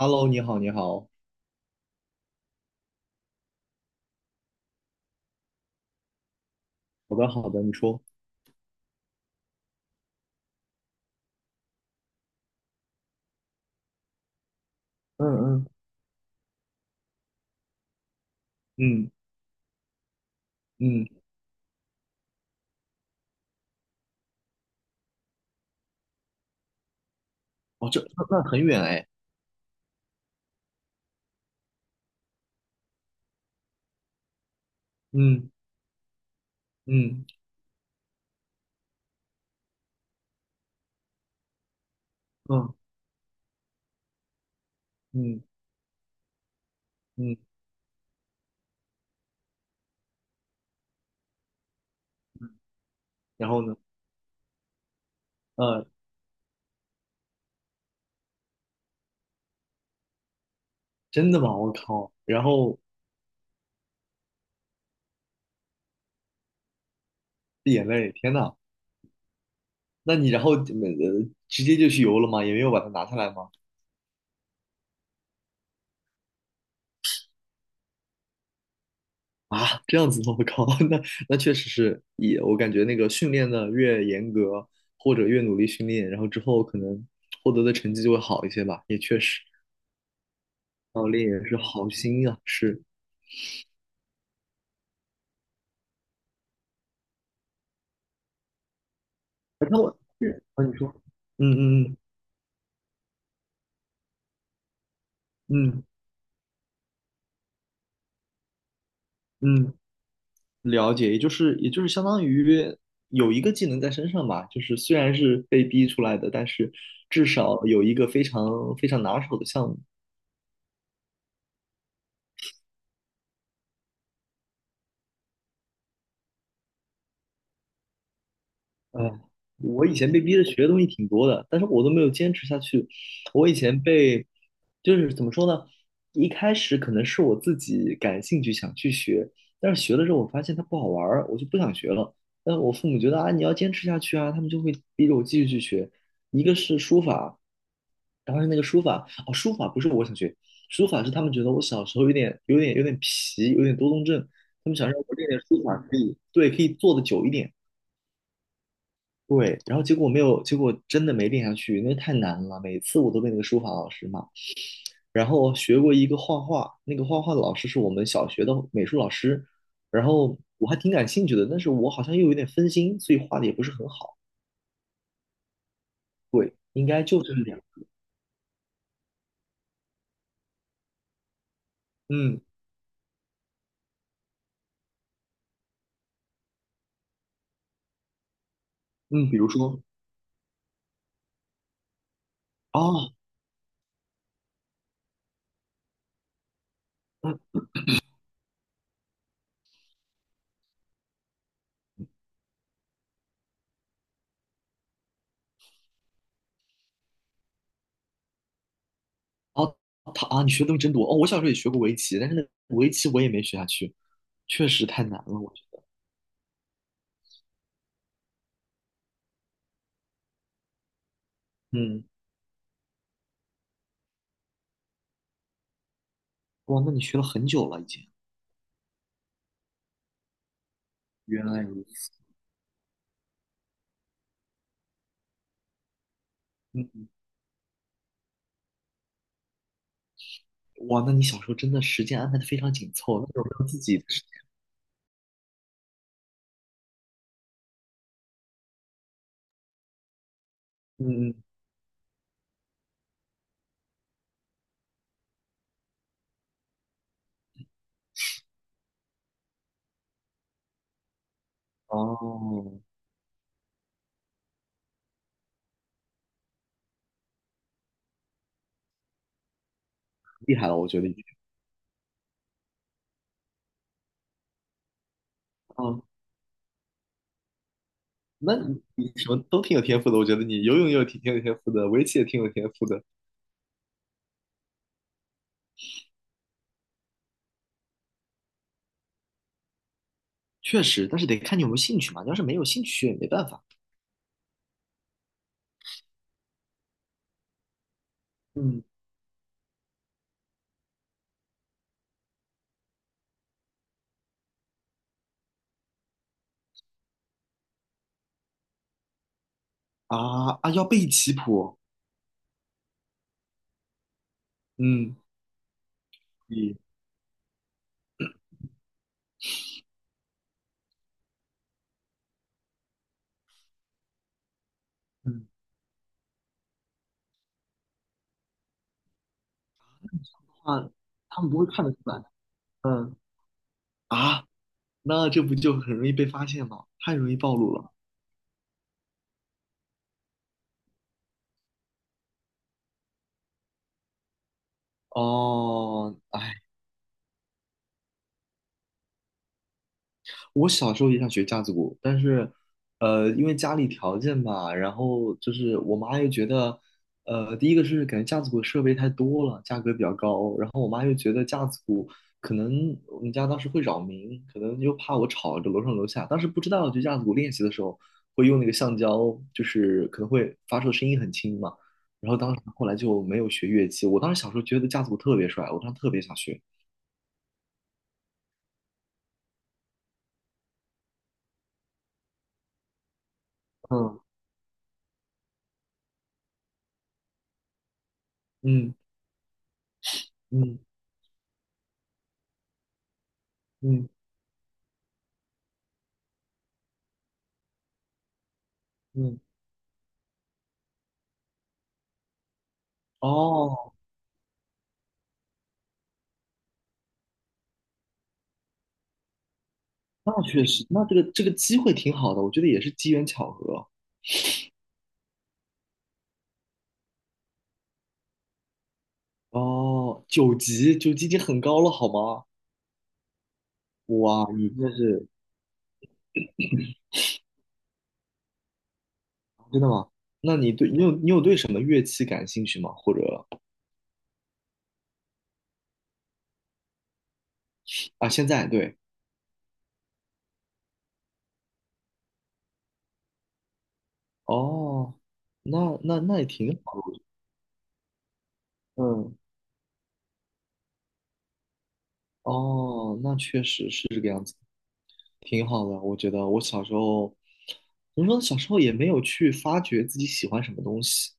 Hello，你好，你好。好的，好的，你说。嗯嗯，嗯嗯，哦，这那很远哎。嗯嗯嗯嗯嗯，然后呢？呃，真的吗？我靠，然后滴眼泪，天呐。那你然后直接就去游了吗？也没有把它拿下来吗？啊，这样子吗？我靠，那那确实是，也我感觉那个训练的越严格或者越努力训练，然后之后可能获得的成绩就会好一些吧，也确实，教练也是好心啊，是。哎那我是啊，你说。嗯嗯嗯嗯嗯，了解，也就是相当于有一个技能在身上吧，就是虽然是被逼出来的，但是至少有一个非常非常拿手的项目。哎，我以前被逼着学的东西挺多的，但是我都没有坚持下去。我以前被，就是怎么说呢？一开始可能是我自己感兴趣想去学，但是学了之后我发现它不好玩儿，我就不想学了。但我父母觉得啊，你要坚持下去啊，他们就会逼着我继续去学。一个是书法，当时那个书法，哦，书法不是我想学，书法是他们觉得我小时候有点皮，有点多动症，他们想让我练练书法，可以，对，可以坐的久一点。对，然后结果没有，结果真的没练下去，因为太难了。每次我都被那个书法老师骂。然后学过一个画画，那个画画的老师是我们小学的美术老师，然后我还挺感兴趣的，但是我好像又有点分心，所以画的也不是很好。对，应该就这样。嗯嗯，比如说啊。嗯，他啊，你学的东西真多哦。我小时候也学过围棋，但是那个围棋我也没学下去，确实太难了，我觉得。嗯。哇，那你学了很久了已经。原来如此。嗯。哇，那你小时候真的时间安排的非常紧凑，那有没有自己的时间？嗯嗯，哦，厉害了，我觉得已经。哦，那你什么都挺有天赋的，我觉得你游泳也有挺有天赋的，围棋也挺有天赋的。确实，但是得看你有没有兴趣嘛，你要是没有兴趣也没办法。嗯。啊啊，要背棋谱。嗯，你嗯。啊，他们不会看得出来。嗯啊，那这不就很容易被发现吗？太容易暴露了。哦，哎。我小时候也想学架子鼓，但是，呃，因为家里条件吧，然后就是我妈又觉得，呃，第一个是感觉架子鼓的设备太多了，价格比较高，然后我妈又觉得架子鼓可能我们家当时会扰民，可能又怕我吵着楼上楼下，当时不知道就架子鼓练习的时候会用那个橡胶，就是可能会发出的声音很轻嘛，然后当时后来就没有学乐器，我当时小时候觉得架子鼓特别帅，我当时特别想学。嗯嗯嗯嗯嗯，哦。那确实，那这个这个机会挺好的，我觉得也是机缘巧合。哦，九级，九级已经很高了，好吗？哇，你这是真的吗？那你对你有对什么乐器感兴趣吗？或者啊，现在对。哦，那那那也挺好的，我觉得嗯。哦，那确实是这个样子，挺好的。我觉得我小时候，怎么说呢，小时候也没有去发掘自己喜欢什么东西，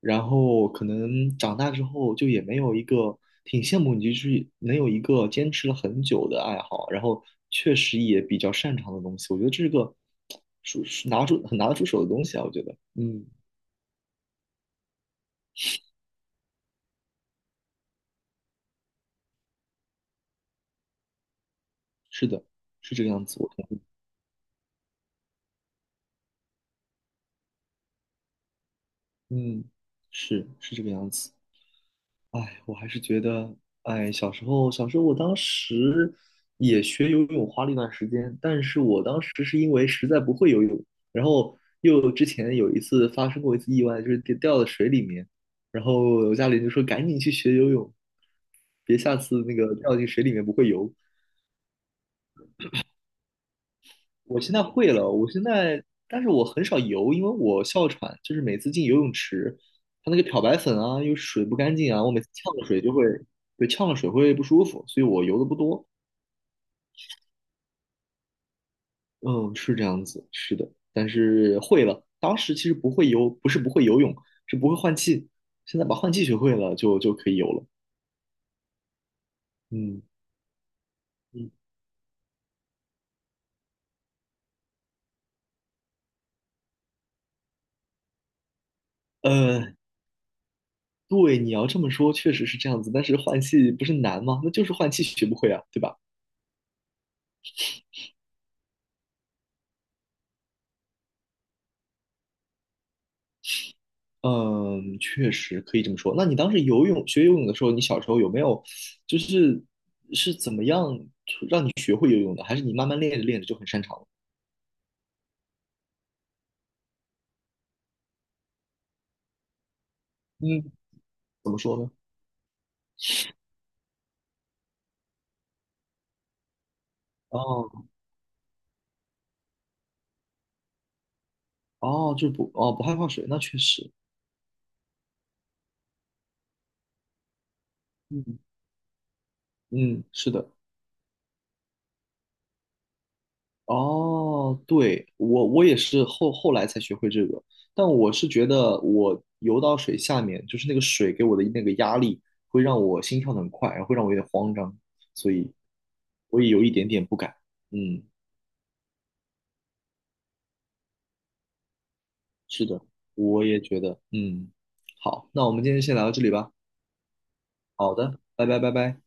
然后可能长大之后就也没有一个挺羡慕你，就是能有一个坚持了很久的爱好，然后确实也比较擅长的东西，我觉得这是个是拿出很拿得出手的东西啊，我觉得，嗯。是的，是这个样子，我同意。嗯，是这个样子。哎，我还是觉得，哎，小时候，小时候，我当时也学游泳，花了一段时间，但是我当时是因为实在不会游泳，然后又之前有一次发生过一次意外，就是跌掉到水里面，然后我家里人就说赶紧去学游泳，别下次那个掉进水里面不会游。我现在会了，我现在，但是我很少游，因为我哮喘，就是每次进游泳池，它那个漂白粉啊，又水不干净啊，我每次呛了水就会，对，呛了水会不舒服，所以我游的不多。嗯，是这样子，是的，但是会了。当时其实不会游，不是不会游泳，是不会换气。现在把换气学会了，就可以游了。嗯嗯，呃，对，你要这么说，确实是这样子。但是换气不是难吗？那就是换气学不会啊，对吧？嗯，确实可以这么说。那你当时游泳学游泳的时候，你小时候有没有就是是怎么样让你学会游泳的？还是你慢慢练着练着就很擅长了？嗯。怎么说呢？哦哦，就是不不害怕水，那确实。嗯嗯，是的。哦，对，我我也是后来才学会这个，但我是觉得我游到水下面，就是那个水给我的那个压力，会让我心跳得很快，然后会让我有点慌张，所以我也有一点点不敢。嗯，是的，我也觉得，嗯。好，那我们今天先聊到这里吧。好的，拜拜拜拜。